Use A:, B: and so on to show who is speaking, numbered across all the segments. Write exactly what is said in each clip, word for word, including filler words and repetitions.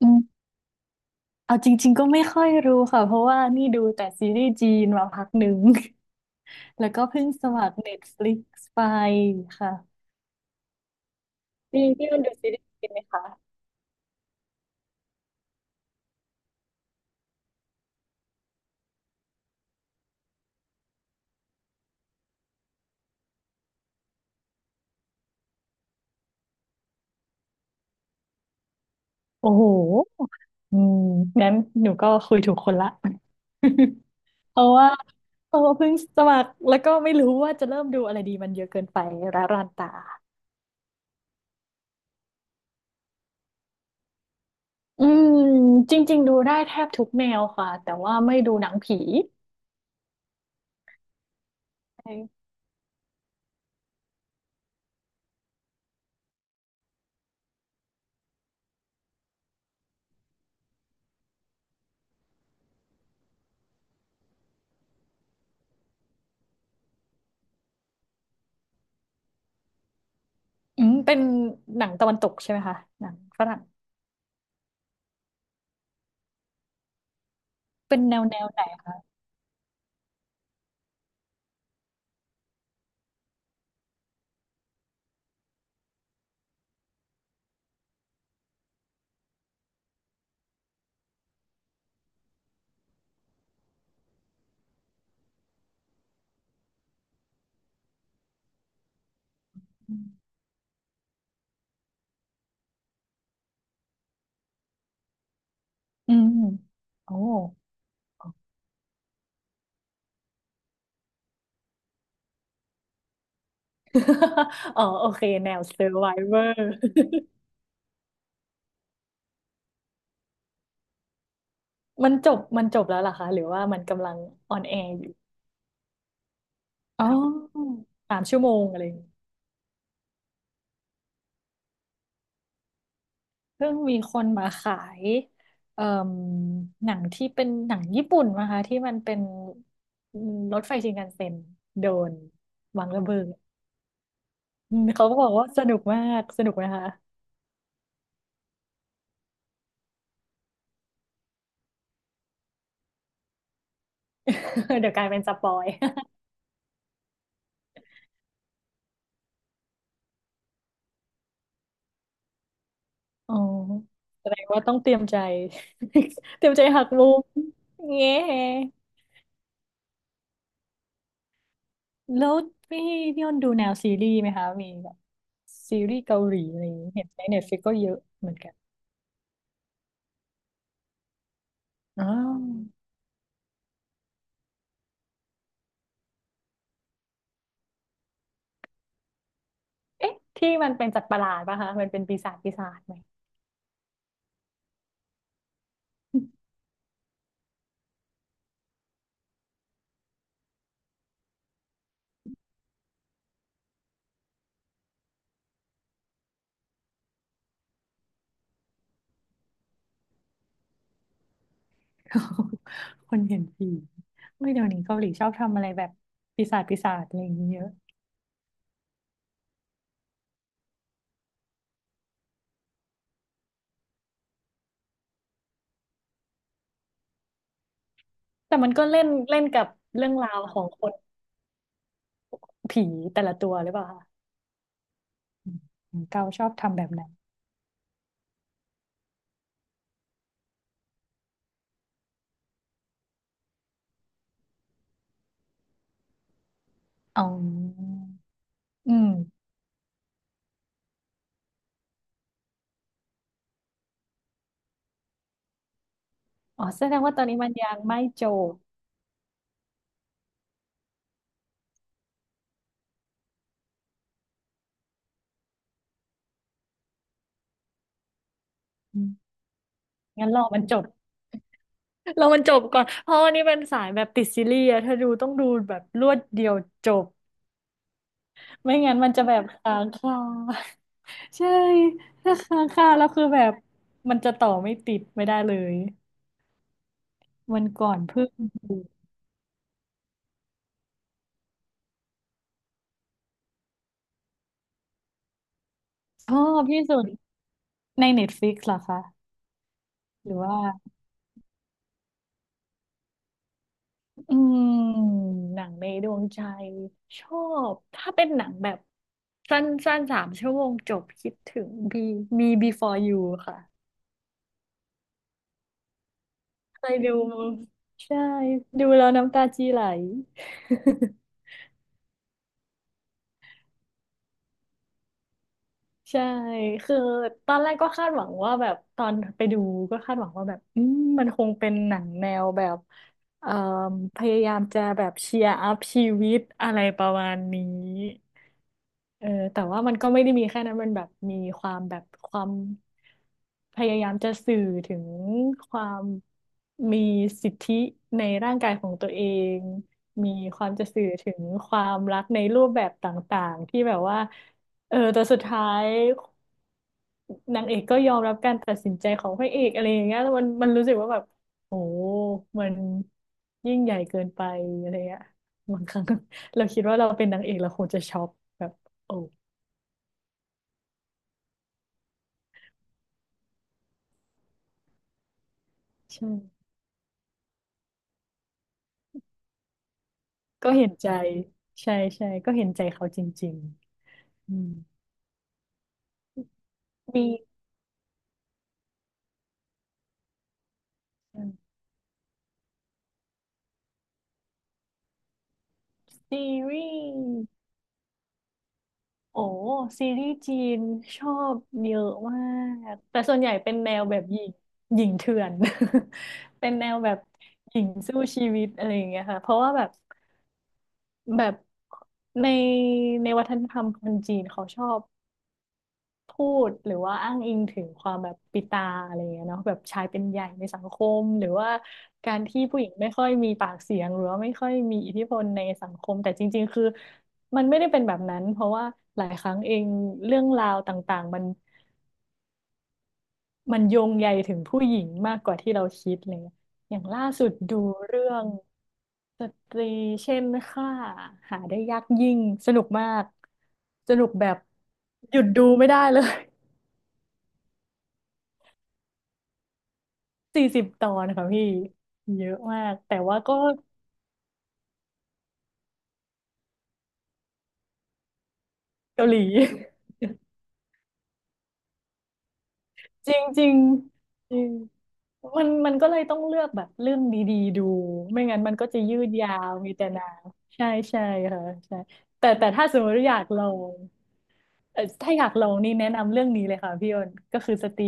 A: อืมเอาจริงๆก็ไม่ค่อยรู้ค่ะเพราะว่านี่ดูแต่ซีรีส์จีนมาพักหนึ่ง แล้วก็เพิ่งสมัคร Netflix ไปค่ะนี่พี่มันดูซีรีส์จีนไหมคะโอ้โหอืมงั้นหนูก็คุยถูกคนละ เพราะว่าเพราะว่าเพิ่งสมัครแล้วก็ไม่รู้ว่าจะเริ่มดูอะไรดีมันเยอะเกินไปร้ารานตาอืมจริงๆดูได้แทบทุกแนวค่ะแต่ว่าไม่ดูหนังผีอืมเป็นหนังตะวันตกใช่ไหมคะหนังฝรั่งเป็นแนวแนวไหน อืม โอ้ อ๋อโอเคแนว Survivor มันจบมันจบแล้วเหรอคะหรือว่ามันกำลังออนแอร์อยู่อ๋อคสามชั่วโมงอะไรอย่างงี้เพิ่งมีคนมาขายเอ่มหนังที่เป็นหนังญี่ปุ่นนะคะที่มันเป็นรถไฟชินคันเซ็นโดนวางระเบิดอืมเขาก็บอกว่าสนุกมากสนุกนะคะ เดี๋ยวกลายเป็นสปอย อ๋อแสดงว่าต้องเตรียมใจ เตรียมใจหักมุมเงี้แล้วพี่พี่อ้นดูแนวซีรีส์ไหมคะมีแบบซีรีส์เกาหลีอะไรอย่างงี้เห็นในเน็ตฟลิกก็เยอะเหมือนกันอ๋อเอ๊ะที่มันเป็นสัตว์ประหลาดป่ะคะมันเป็นปีศาจปีศาจไหม คนเห็นผีไม่เดี๋ยวนี้เกาหลีชอบทำอะไรแบบปีศาจปีศาจอะไรอย่างงี้เยอะแต่มันก็เล่นเล่นกับเรื่องราวของคนผีแต่ละตัวหรือเปล่าคะอืมเกาชอบทำแบบนั้น อ๋ออืมอ๋อ แสดงว่าตอนนี้มันยังไม่จบอืมงั้นรอมันจบรอมันจบก่อนเพราะวันนี้เป็นสายแบบติดซีรีส์อะถ้าดูต้องดูแบบรวดเดียวจบ ไม่งั้นมันจะแบบค้างคาใช่ถ้าค้างคาแล้วคือแบบ มันจะต่อไม่ติดไม่ได้เลยวันก่อนเพิ่งชอบที่สุดใน Netflix เหรอคะ หรือว่า อืมหนังในดวงใจชอบถ้าเป็นหนังแบบสั้นสั้นสามชั่วโมงจบคิดถึงบีมี Before You ค่ะเคยดูใช่ดูแล้วน้ำตาจีไหล ใช่คือตอนแรกก็คาดหวังว่าแบบตอนไปดูก็คาดหวังว่าแบบอืมมันคงเป็นหนังแนวแบบเอ่อพยายามจะแบบเชียร์อัพชีวิตอะไรประมาณนี้ เออแต่ว่ามันก็ไม่ได้มีแค่นั้นมันแบบมีความแบบความพยายามจะสื่อถึงความมีสิทธิในร่างกายของตัวเองมีความจะสื่อถึงความรักในรูปแบบต่างๆที่แบบว่าเออแต่สุดท้ายนางเอกก็ยอมรับการตัดสินใจของพระเอกอะไรอย่างเงี้ยแล้วมันมันรู้สึกว่าแบบโหมันยิ่งใหญ่เกินไปอะไรเงี้ยบางครั้ง เราคิดว่าเราเป็นนางเอกเราคงจะช็อกแบบโอ้ ใช่ก็เห็นใจ ใช่ใช่ก็เห็นใจเขาจริงๆอืมมีซีรีส์โอ้ซีรีส์จีนชอบเยอะมากแต่ส่วนใหญ่เป็นแนวแบบหญิงหญิงเถื่อน เป็นแนวแบบหญิงสู้ชีวิตอะไรอย่างเงี้ยค่ะ เพราะว่าแบบแบบในในวัฒนธรรมคนจีนเขาชอบ พูดหรือว่าอ้างอิงถึงความแบบปิตาอะไรเงี้ยเนาะแบบชายเป็นใหญ่ในสังคมหรือว่าการที่ผู้หญิงไม่ค่อยมีปากเสียงหรือว่าไม่ค่อยมีอิทธิพลในสังคมแต่จริงๆคือมันไม่ได้เป็นแบบนั้นเพราะว่าหลายครั้งเองเรื่องราวต่างๆมันมันโยงใยถึงผู้หญิงมากกว่าที่เราคิดอะไรเลยอย่างล่าสุดดูเรื่องสตรีเช่นค่าหาได้ยากยิ่งสนุกมากสนุกแบบหยุดดูไม่ได้เลย สี่สิบตอนค่ะพี่เยอะมากแต่ว่าก็เกาหลี จริงจริงจริงมันมันก็เลยต้องเลือกแบบเรื่องดีๆดูไม่งั้นมันก็จะยืดยาวมีแต่หนางใช่ใช่ค่ะใช่แต่แต่ถ้าสมมติอยากลอง เอ่อถ้าอยากลองนี่แนะนำเรื่องนี้เลยค่ะพี่อ้นก็คือสตรี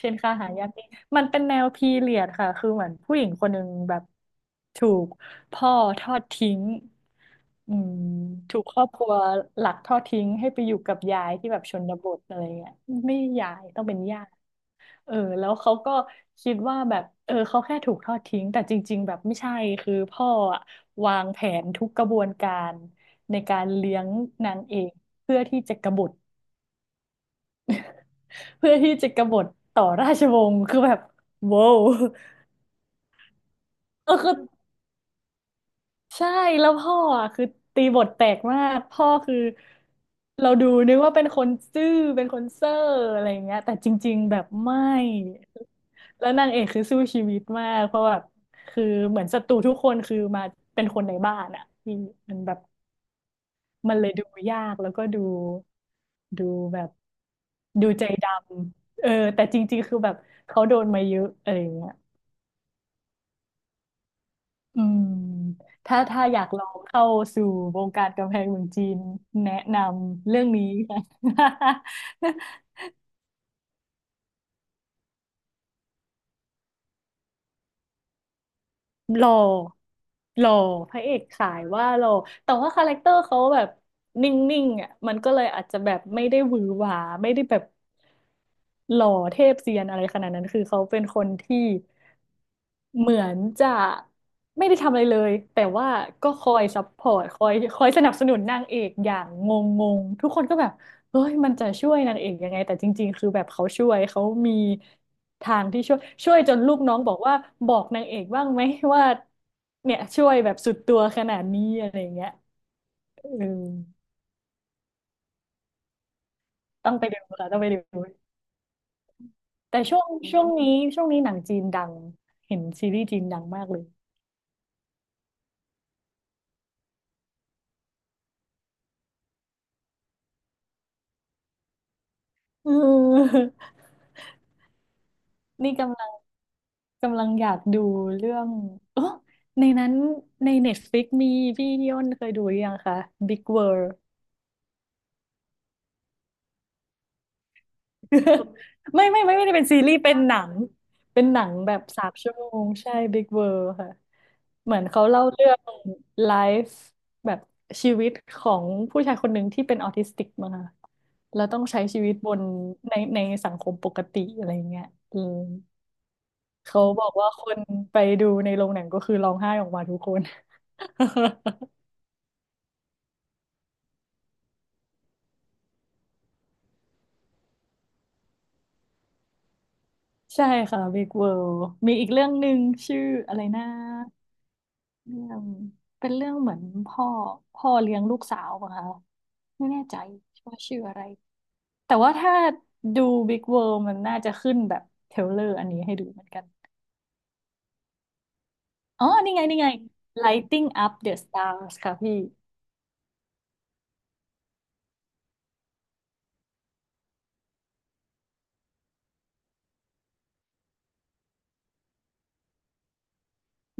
A: เช่นค่าหายากนี่มันเป็นแนวพีเรียดค่ะคือเหมือนผู้หญิงคนหนึ่งแบบถูกพ่อทอดทิ้งอืมถูกครอบครัวหลักทอดทิ้งให้ไปอยู่กับยายที่แบบชนบทอะไรเงี้ยไม่ยายต้องเป็นย่าเออแล้วเขาก็คิดว่าแบบเออเขาแค่ถูกทอดทิ้งแต่จริงๆแบบไม่ใช่คือพ่ออะวางแผนทุกกระบวนการในการเลี้ยงนางเอกเพื่อที่จะกบฏ เพื่อที่จะกบฏต่อราชวงศ์คือแบบโว้าวเออคือใช่แล้วพ่ออ่ะคือตีบทแตกมากพ่อคือเราดูนึกว่าเป็นคนซื่อเป็นคนเซ่ออะไรอย่างเงี้ยแต่จริงๆแบบไม่แล้วนางเอกคือสู้ชีวิตมากเพราะแบบคือเหมือนศัตรูทุกคนคือมาเป็นคนในบ้านอ่ะที่มันแบบมันเลยดูยากแล้วก็ดูดูแบบดูใจดำเออแต่จริงๆคือแบบเขาโดนมาเยอะอะไรอย่างเงี้ย อืมถ้าถ้าอยากลองเข้าสู่วงการกำแพงเมืองจีนแนะนำเรื่องนี้ ค่ะ หล่อหล่อพระเอกขายว่าหล่อแต่ว่าคาแรคเตอร์เขาแบบนิ่งๆอ่ะมันก็เลยอาจจะแบบไม่ได้หวือหวาไม่ได้แบบหล่อเทพเซียนอะไรขนาดนั้นคือเขาเป็นคนที่ เหมือนจะไม่ได้ทำอะไรเลยแต่ว่าก็คอยซัพพอร์ตคอยคอยสนับสนุนนางเอกอย่างงงงทุกคนก็แบบเฮ้ยมันจะช่วยนางเอกยังไงแต่จริงๆคือแบบเขาช่วยเขามีทางที่ช่วยช่วยจนลูกน้องบอกว่าบอกนางเอกบ้างไหมว่าเนี่ยช่วยแบบสุดตัวขนาดนี้อะไรอย่างเงี้ยเออต้องไปดูค่ะต้องไปดูแต่ช่วงช่วงนี้ช่วงนี้หนังจีนดังเห็นซีรีส์จีนดังมากเลยเออ นี่กำลัง กำลังอยากดูเรื่องเออในนั้นใน เน็ตฟลิกซ์ มีพี่ยนเคยดูหรือยังคะ Big World ไม่ไม่ไม่ไม่ได้เป็นซีรีส์เป็นหนังเป็นหนังแบบสามชั่วโมงใช่ Big World ค่ะเหมือนเขาเล่าเรื่องไลฟ์แบบชีวิตของผู้ชายคนหนึ่งที่เป็นออทิสติกมาค่ะแล้วต้องใช้ชีวิตบนในในสังคมปกติอะไรอย่างเงี้ยอืมเขาบอกว่าคนไปดูในโรงหนังก็คือร้องไห้ออกมาทุกคน ใช่ค่ะ บิ๊ก เวิลด์ มีอีกเรื่องหนึ่งชื่ออะไรนะเรื่องเป็นเรื่องเหมือนพ่อพ่อเลี้ยงลูกสาวป่ะคะไม่แน่ใจว่าชื่ออะไรแต่ว่าถ้าดู Big World มันน่าจะขึ้นแบบเทรลเลอร์อันนี้ให้ดูเหมือนกันอ๋อ นี่ไง นี่ไง ไลท์ติ้ง อัพ เดอะ สตาร์ส ค่ะพี่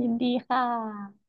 A: ยินดีค่ะ